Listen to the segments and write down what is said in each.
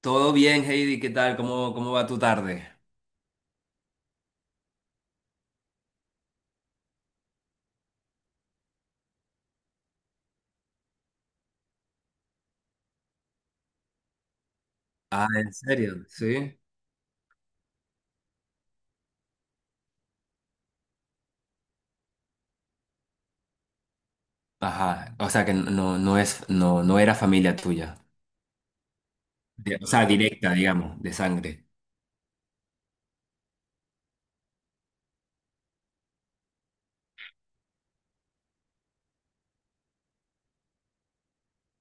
Todo bien, Heidi, ¿qué tal? ¿Cómo va tu tarde? Ah, ¿en serio? Sí. Ajá, o sea que no, no es, no, no era familia tuya. O sea, directa, digamos, de sangre.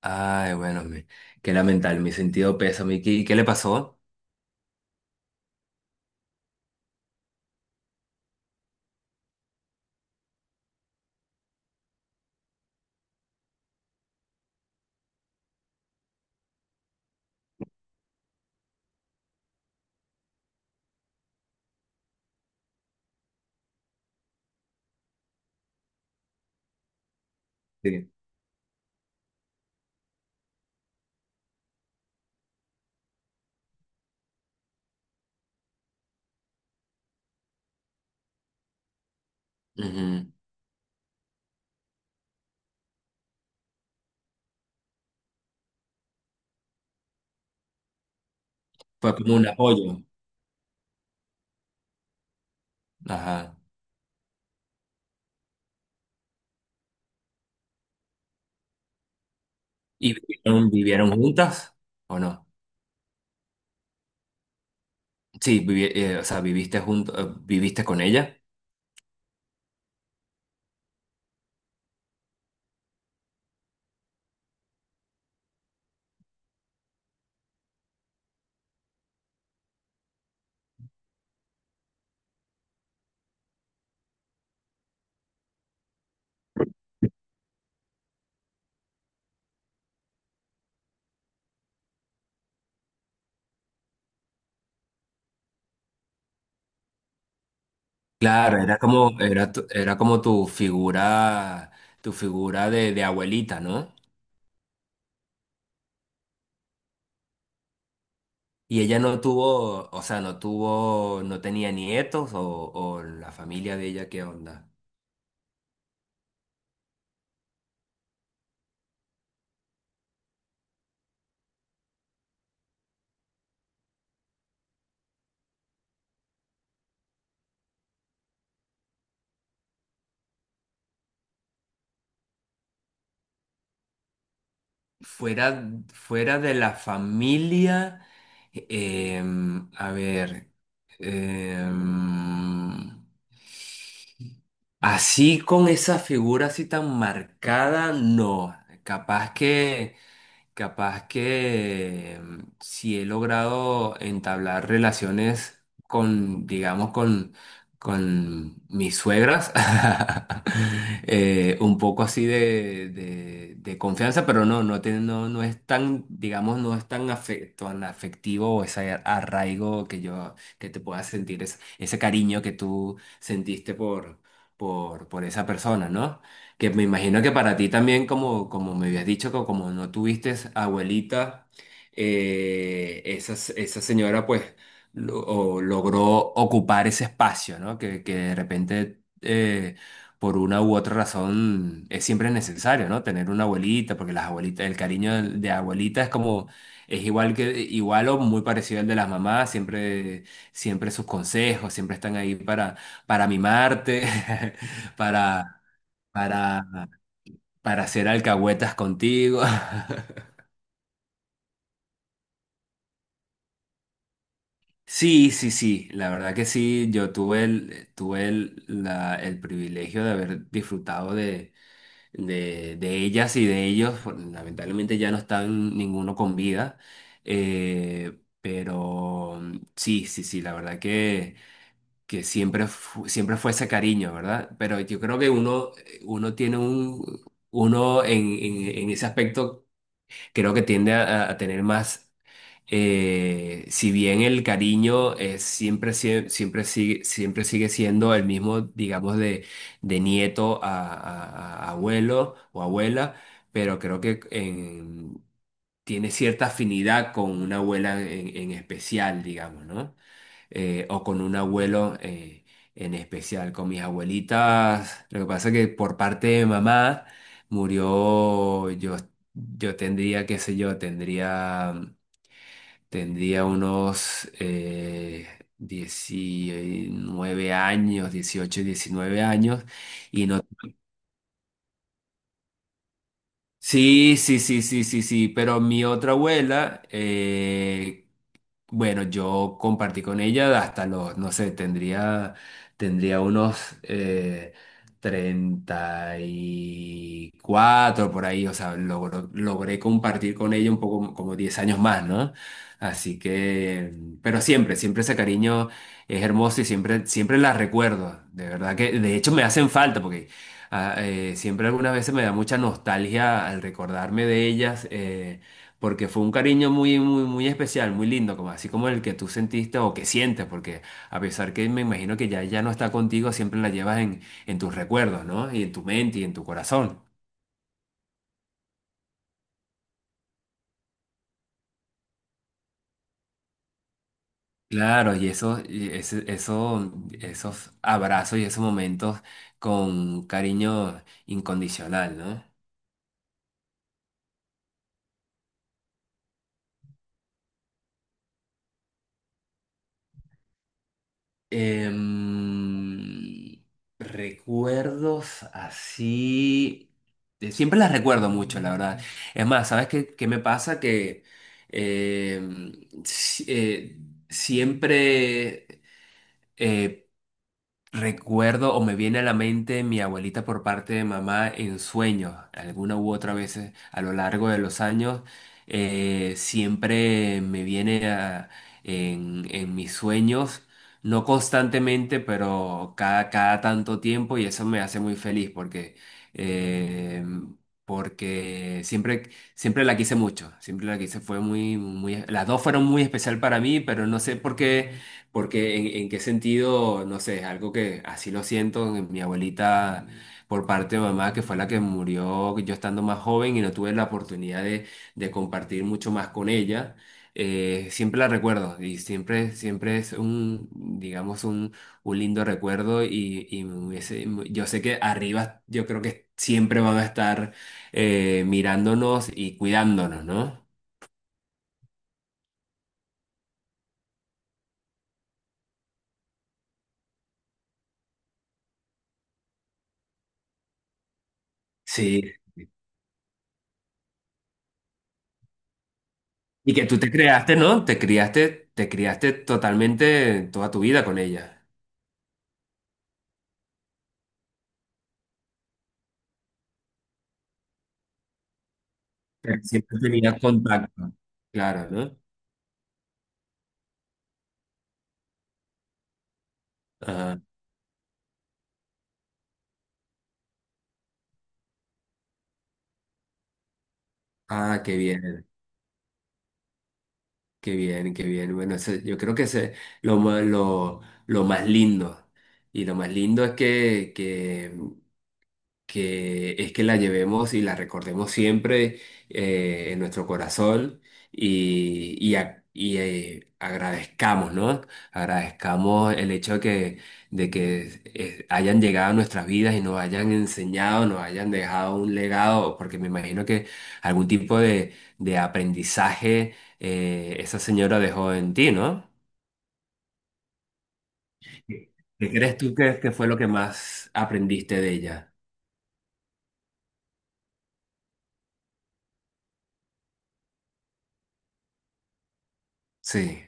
Ay, bueno, qué lamentable, mi sentido pesa. ¿Y qué le pasó? Sí. Ujú. Fue como un apoyo. Ajá. ¿Y vivieron juntas o no? Sí, o sea, viviste con ella. Claro, era como tu figura, de abuelita, ¿no? Y ella no tuvo, o sea, no tenía nietos o la familia de ella, ¿qué onda? Fuera de la familia, a ver, em, así con esa figura así tan marcada, no. Capaz que... Capaz que si he logrado entablar relaciones con, digamos, con mis suegras, un poco así de confianza, pero no es tan, digamos, no es tan, afe- tan afectivo o ese arraigo que te puedas sentir, ese cariño que tú sentiste por esa persona, ¿no? Que me imagino que para ti también, como, como me habías dicho, que como no tuviste abuelita, esa señora pues lo- o logró ocupar ese espacio, ¿no? Que de repente, por una u otra razón, es siempre necesario, ¿no? Tener una abuelita, porque las abuelitas, el cariño de abuelita es como, es igual que, igual o muy parecido al de las mamás, siempre, siempre sus consejos, siempre están ahí para mimarte, para para, para hacer alcahuetas contigo. Sí, sí, sí, la verdad que sí, yo tuve el privilegio de haber disfrutado de, de ellas y de ellos, lamentablemente ya no están ninguno con vida, pero sí, sí, sí, la verdad que siempre, siempre fue ese cariño, ¿verdad? Pero yo creo que uno tiene un, uno en, en ese aspecto creo que tiende a tener más, si bien el cariño es siempre, sie- siempre sigue siendo el mismo, digamos, de nieto a abuelo o abuela, pero creo que tiene cierta afinidad con una abuela en especial, digamos, ¿no? O con un abuelo en especial. Con mis abuelitas, lo que pasa es que por parte de mamá murió, yo tendría, qué sé yo, tendría, unos 19 años, 18 19 años, y no... Sí, sí, sí, sí, sí, sí, pero mi otra abuela, bueno, yo compartí con ella hasta los, no sé, tendría, unos eh, 34 por ahí, o sea, logré compartir con ella un poco como 10 años más, ¿no? Así que, pero siempre ese cariño es hermoso y siempre la recuerdo, de verdad que, de hecho me hacen falta porque siempre algunas veces me da mucha nostalgia al recordarme de ellas. Porque fue un cariño muy, muy, muy especial, muy lindo, como, así como el que tú sentiste o que sientes, porque a pesar que me imagino que ya no está contigo, siempre la llevas en tus recuerdos, ¿no? Y en tu mente y en tu corazón. Claro, y eso, esos abrazos y esos momentos con cariño incondicional, ¿no? Em, recuerdos así. Siempre las recuerdo mucho, la verdad. Es más, ¿sabes qué me pasa? Que em, si- eh, siempre eh, Recuerdo o me viene a la mente mi abuelita por parte de mamá en sueños, alguna u otra vez a lo largo de los años, siempre me viene en mis sueños, no constantemente, pero cada tanto tiempo y eso me hace muy feliz porque, eh, porque siempre la quise mucho, siempre la quise, fue las dos fueron muy especial para mí, pero no sé por qué. Porque en qué sentido, no sé, es algo que así lo siento, en mi abuelita por parte de mamá, que fue la que murió yo estando más joven y no tuve la oportunidad de, compartir mucho más con ella, siempre la recuerdo y siempre es un, digamos, un lindo recuerdo y yo sé que arriba yo creo que siempre van a estar mirándonos y cuidándonos, ¿no? Sí. Y que tú te creaste, ¿no? Te criaste totalmente toda tu vida con ella. Pero siempre tenías contacto. Claro, ¿no? Ajá. Ah, qué bien, qué bien, qué bien. Bueno, yo creo que ese es lo más, lo, lo más lindo. Y lo más lindo es que, es que la llevemos y la recordemos siempre en nuestro corazón y agradezcamos, ¿no? Agradezcamos el hecho de que, hayan llegado a nuestras vidas y nos hayan enseñado, nos hayan dejado un legado, porque me imagino que algún tipo de, aprendizaje esa señora dejó en ti, ¿no? ¿Qué crees tú que fue lo que más aprendiste de ella? Sí.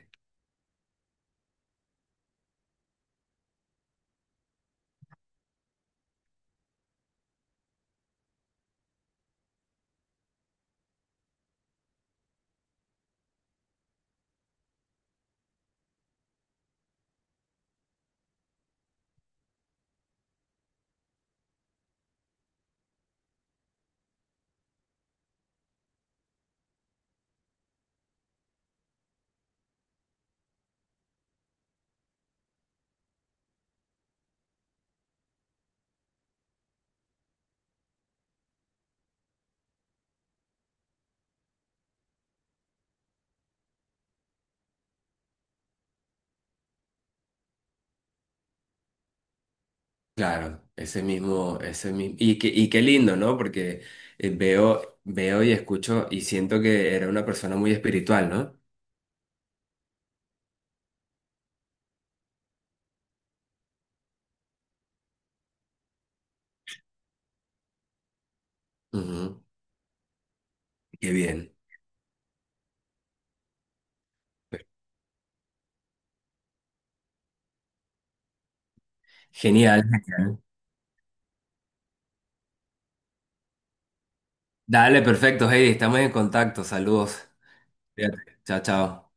Claro, ese mismo, y qué lindo, ¿no? Porque veo y escucho y siento que era una persona muy espiritual, ¿no? Ujú, qué bien. Genial, genial. Dale, perfecto, Heidi, estamos en contacto, saludos. Cuídate. Chao, chao.